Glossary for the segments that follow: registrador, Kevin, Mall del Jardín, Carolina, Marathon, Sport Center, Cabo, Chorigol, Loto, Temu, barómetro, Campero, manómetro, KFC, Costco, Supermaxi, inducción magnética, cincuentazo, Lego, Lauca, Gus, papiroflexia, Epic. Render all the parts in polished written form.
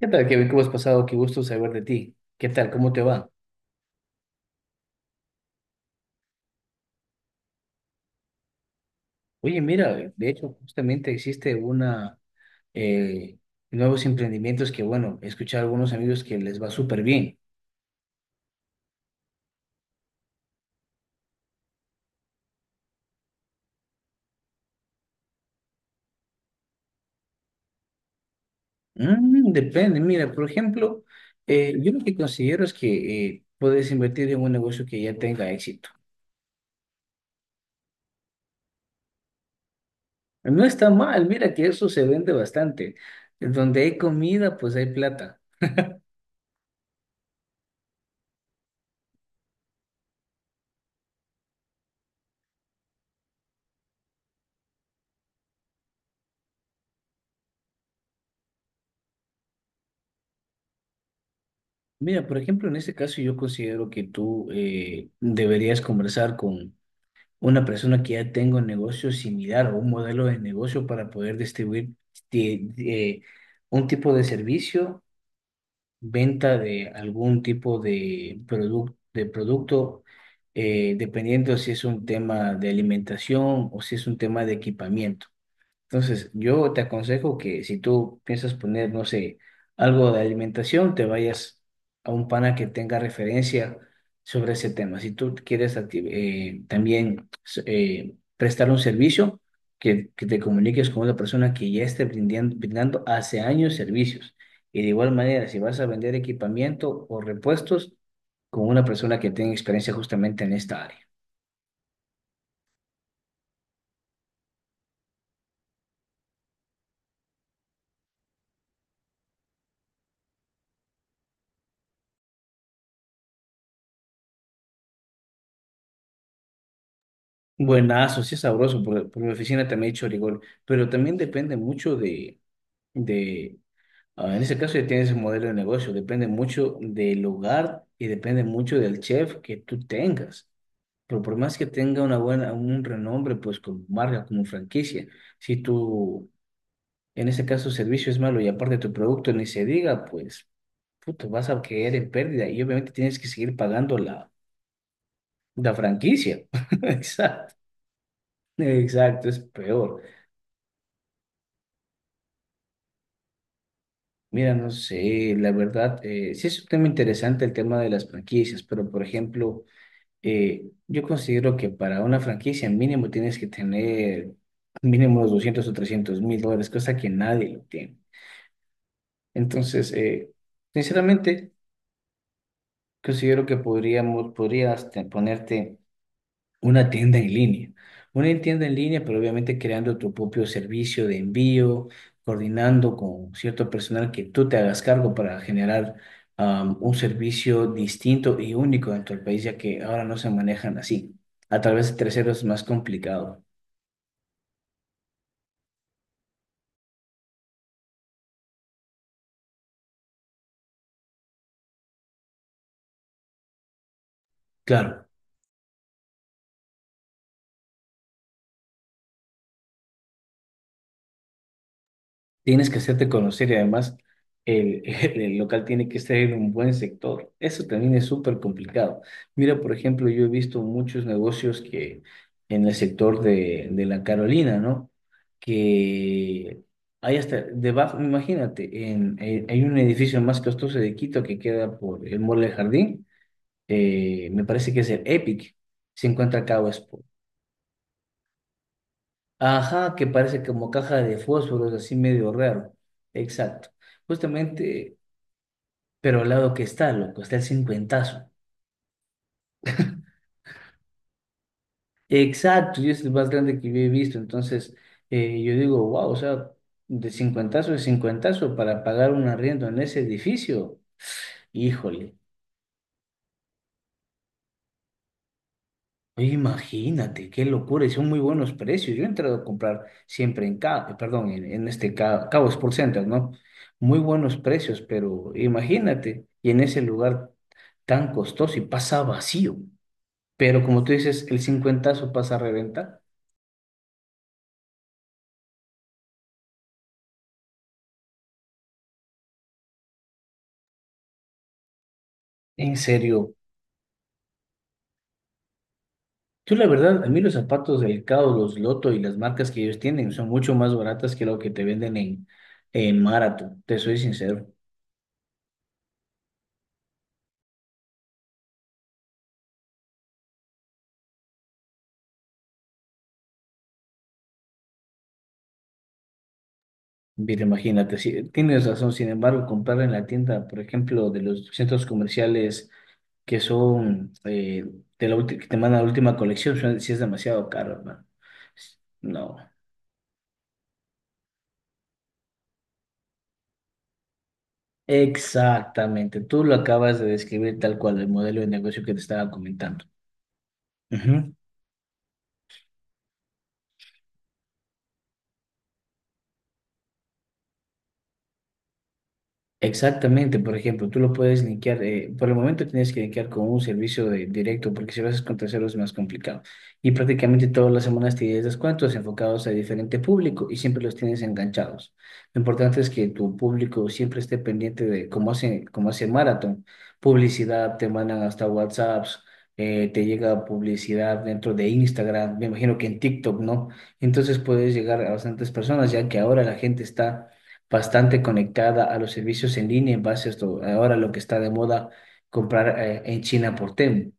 ¿Qué tal, Kevin? ¿Cómo has pasado? Qué gusto saber de ti. ¿Qué tal? ¿Cómo te va? Oye, mira, de hecho, justamente existe eh, nuevos emprendimientos que, bueno, he escuchado a algunos amigos que les va súper bien. Mm, depende, mira, por ejemplo, yo lo que considero es que puedes invertir en un negocio que ya tenga éxito. No está mal, mira que eso se vende bastante. Donde hay comida, pues hay plata. Mira, por ejemplo, en este caso yo considero que tú deberías conversar con una persona que ya tenga un negocio similar o un modelo de negocio para poder distribuir de un tipo de servicio, venta de algún tipo de, de producto, dependiendo si es un tema de alimentación o si es un tema de equipamiento. Entonces, yo te aconsejo que si tú piensas poner, no sé, algo de alimentación, te vayas a un pana que tenga referencia sobre ese tema. Si tú quieres también prestar un servicio, que te comuniques con una persona que ya esté brindando hace años servicios. Y de igual manera, si vas a vender equipamiento o repuestos, con una persona que tenga experiencia justamente en esta área. Buenazo, sí es sabroso, por mi oficina también he hecho rigor, pero también depende mucho de, ah, en ese caso ya tienes el modelo de negocio, depende mucho del lugar y depende mucho del chef que tú tengas. Pero por más que tenga un renombre, pues como marca, como franquicia, si tu, en ese caso, servicio es malo y aparte tu producto ni se diga, pues, puto, vas a caer en pérdida y obviamente tienes que seguir pagando la franquicia. Exacto, exacto, es peor. Mira, no sé, la verdad, sí es un tema interesante el tema de las franquicias, pero por ejemplo, yo considero que para una franquicia mínimo tienes que tener mínimo los $200,000 o $300,000, cosa que nadie lo tiene. Entonces, sinceramente, considero que podrías ponerte una tienda en línea. Una tienda en línea, pero obviamente creando tu propio servicio de envío, coordinando con cierto personal que tú te hagas cargo para generar un servicio distinto y único dentro del país, ya que ahora no se manejan así. A través de terceros es más complicado. Claro. Tienes que hacerte conocer y además el, el local tiene que estar en un buen sector. Eso también es súper complicado. Mira, por ejemplo, yo he visto muchos negocios que en el sector de la Carolina, ¿no? Que hay hasta debajo, imagínate, hay un edificio más costoso de Quito que queda por el Mall del Jardín, me parece que es el Epic, se encuentra acá. Ajá, que parece como caja de fósforos, así medio raro. Exacto. Justamente, pero al lado que está, loco, está el cincuentazo. Exacto, y es el más grande que yo he visto. Entonces, yo digo, wow, o sea, de cincuentazo para pagar un arriendo en ese edificio. Híjole, oye, imagínate, qué locura, y son muy buenos precios. Yo he entrado a comprar siempre en Cabo, perdón, en este Cabo, Sport Center, ¿no? Muy buenos precios, pero imagínate, y en ese lugar tan costoso y pasa vacío. Pero como tú dices, el cincuentazo pasa a reventar. En serio, yo la verdad, a mí los zapatos del Cabo, los Loto y las marcas que ellos tienen son mucho más baratas que lo que te venden en Marathon, te soy sincero. Mira, imagínate, sí, tienes razón, sin embargo, comprar en la tienda, por ejemplo, de los centros comerciales que son que te mandan la última colección, sí es demasiado caro, hermano. No, exactamente, tú lo acabas de describir tal cual, el modelo de negocio que te estaba comentando. Exactamente, por ejemplo, tú lo puedes linkear, por el momento tienes que linkear con un servicio directo, porque si lo haces con terceros es más complicado. Y prácticamente todas las semanas tienes descuentos enfocados a diferente público y siempre los tienes enganchados. Lo importante es que tu público siempre esté pendiente de cómo hace Marathon, publicidad, te mandan hasta WhatsApps, te llega publicidad dentro de Instagram, me imagino que en TikTok, ¿no? Entonces puedes llegar a bastantes personas, ya que ahora la gente está bastante conectada a los servicios en línea en base a esto, ahora lo que está de moda comprar en China por Temu.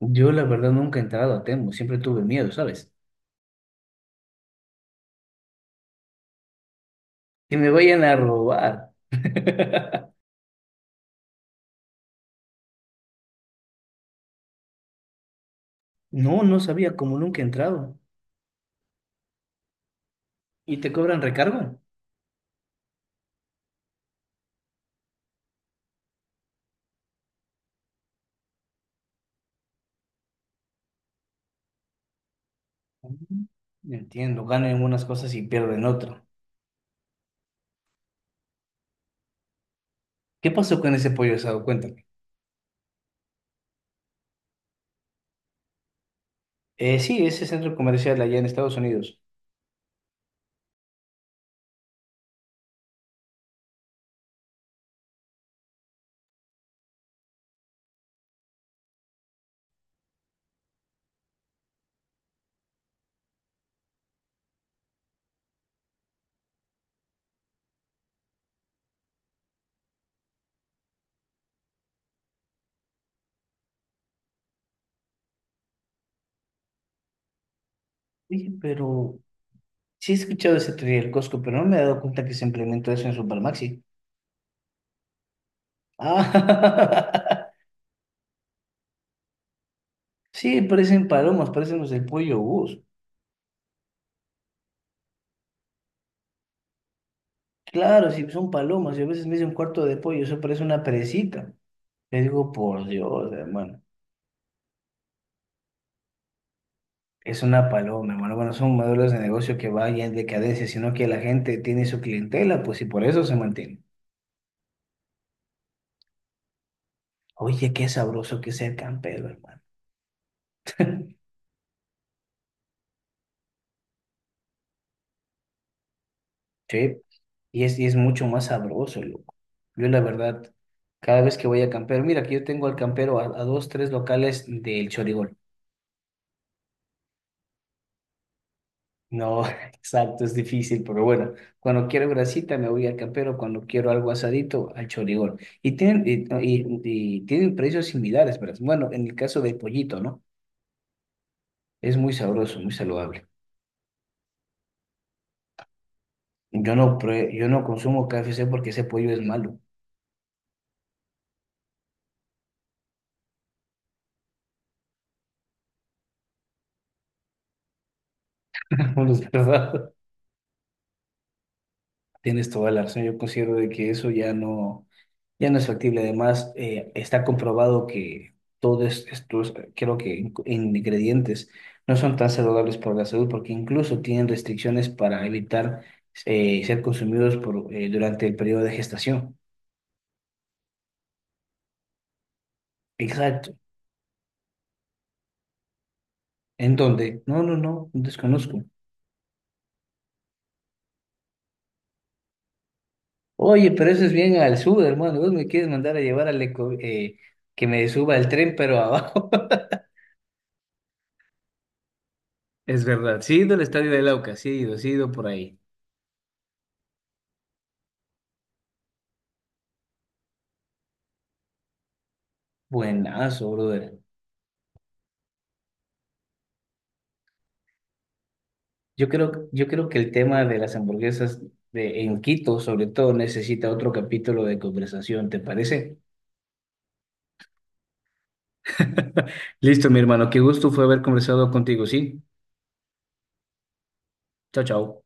Yo la verdad nunca he entrado a Temu, siempre tuve miedo, ¿sabes? Que me vayan a robar. No, no sabía como nunca he entrado. ¿Y te cobran recargo? Ujú. Entiendo, ganan en unas cosas y pierden en otras. ¿Qué pasó con ese pollo asado? Cuéntame. Sí, ese centro comercial allá en Estados Unidos. Oye, pero sí he escuchado ese teoría del Costco, pero no me he dado cuenta que se implementó eso en Supermaxi. Ah, sí, parecen palomas, parecen los del pollo Gus. Claro, sí, son palomas. Yo a veces me hice un cuarto de pollo, eso parece una perecita. Le digo, por Dios, hermano, es una paloma, hermano. Bueno, son modelos de negocio que vayan en decadencia, sino que la gente tiene su clientela, pues, y por eso se mantiene. Oye, qué sabroso que es el campero, hermano. Sí, y es mucho más sabroso, loco. Yo, la verdad, cada vez que voy a campero, mira, que yo tengo al campero a dos, tres locales del Chorigol. No, exacto, es difícil, pero bueno, cuando quiero grasita me voy al campero, cuando quiero algo asadito al chorigol. Y tienen, y, no, y tienen precios similares, pero bueno, en el caso del pollito, ¿no? Es muy sabroso, muy saludable. Yo no consumo KFC porque ese pollo es malo. ¿Verdad? Tienes toda la razón, yo considero de que eso ya no. Ya no es factible. Además, está comprobado que todos estos, creo que ingredientes, no son tan saludables para la salud porque incluso tienen restricciones para evitar ser consumidos por, durante el periodo de gestación. Exacto. ¿En dónde? No, no, no, desconozco. Oye, pero eso es bien al sur, hermano. Vos me quieres mandar a llevar al eco, que me suba el tren, pero abajo. Es verdad. Sí, he ido al estadio de Lauca, sí he ido por ahí. Buenazo, brother. Yo creo que el tema de las hamburguesas en Quito, sobre todo, necesita otro capítulo de conversación, ¿te parece? Listo, mi hermano, qué gusto fue haber conversado contigo, ¿sí? Chao, chao.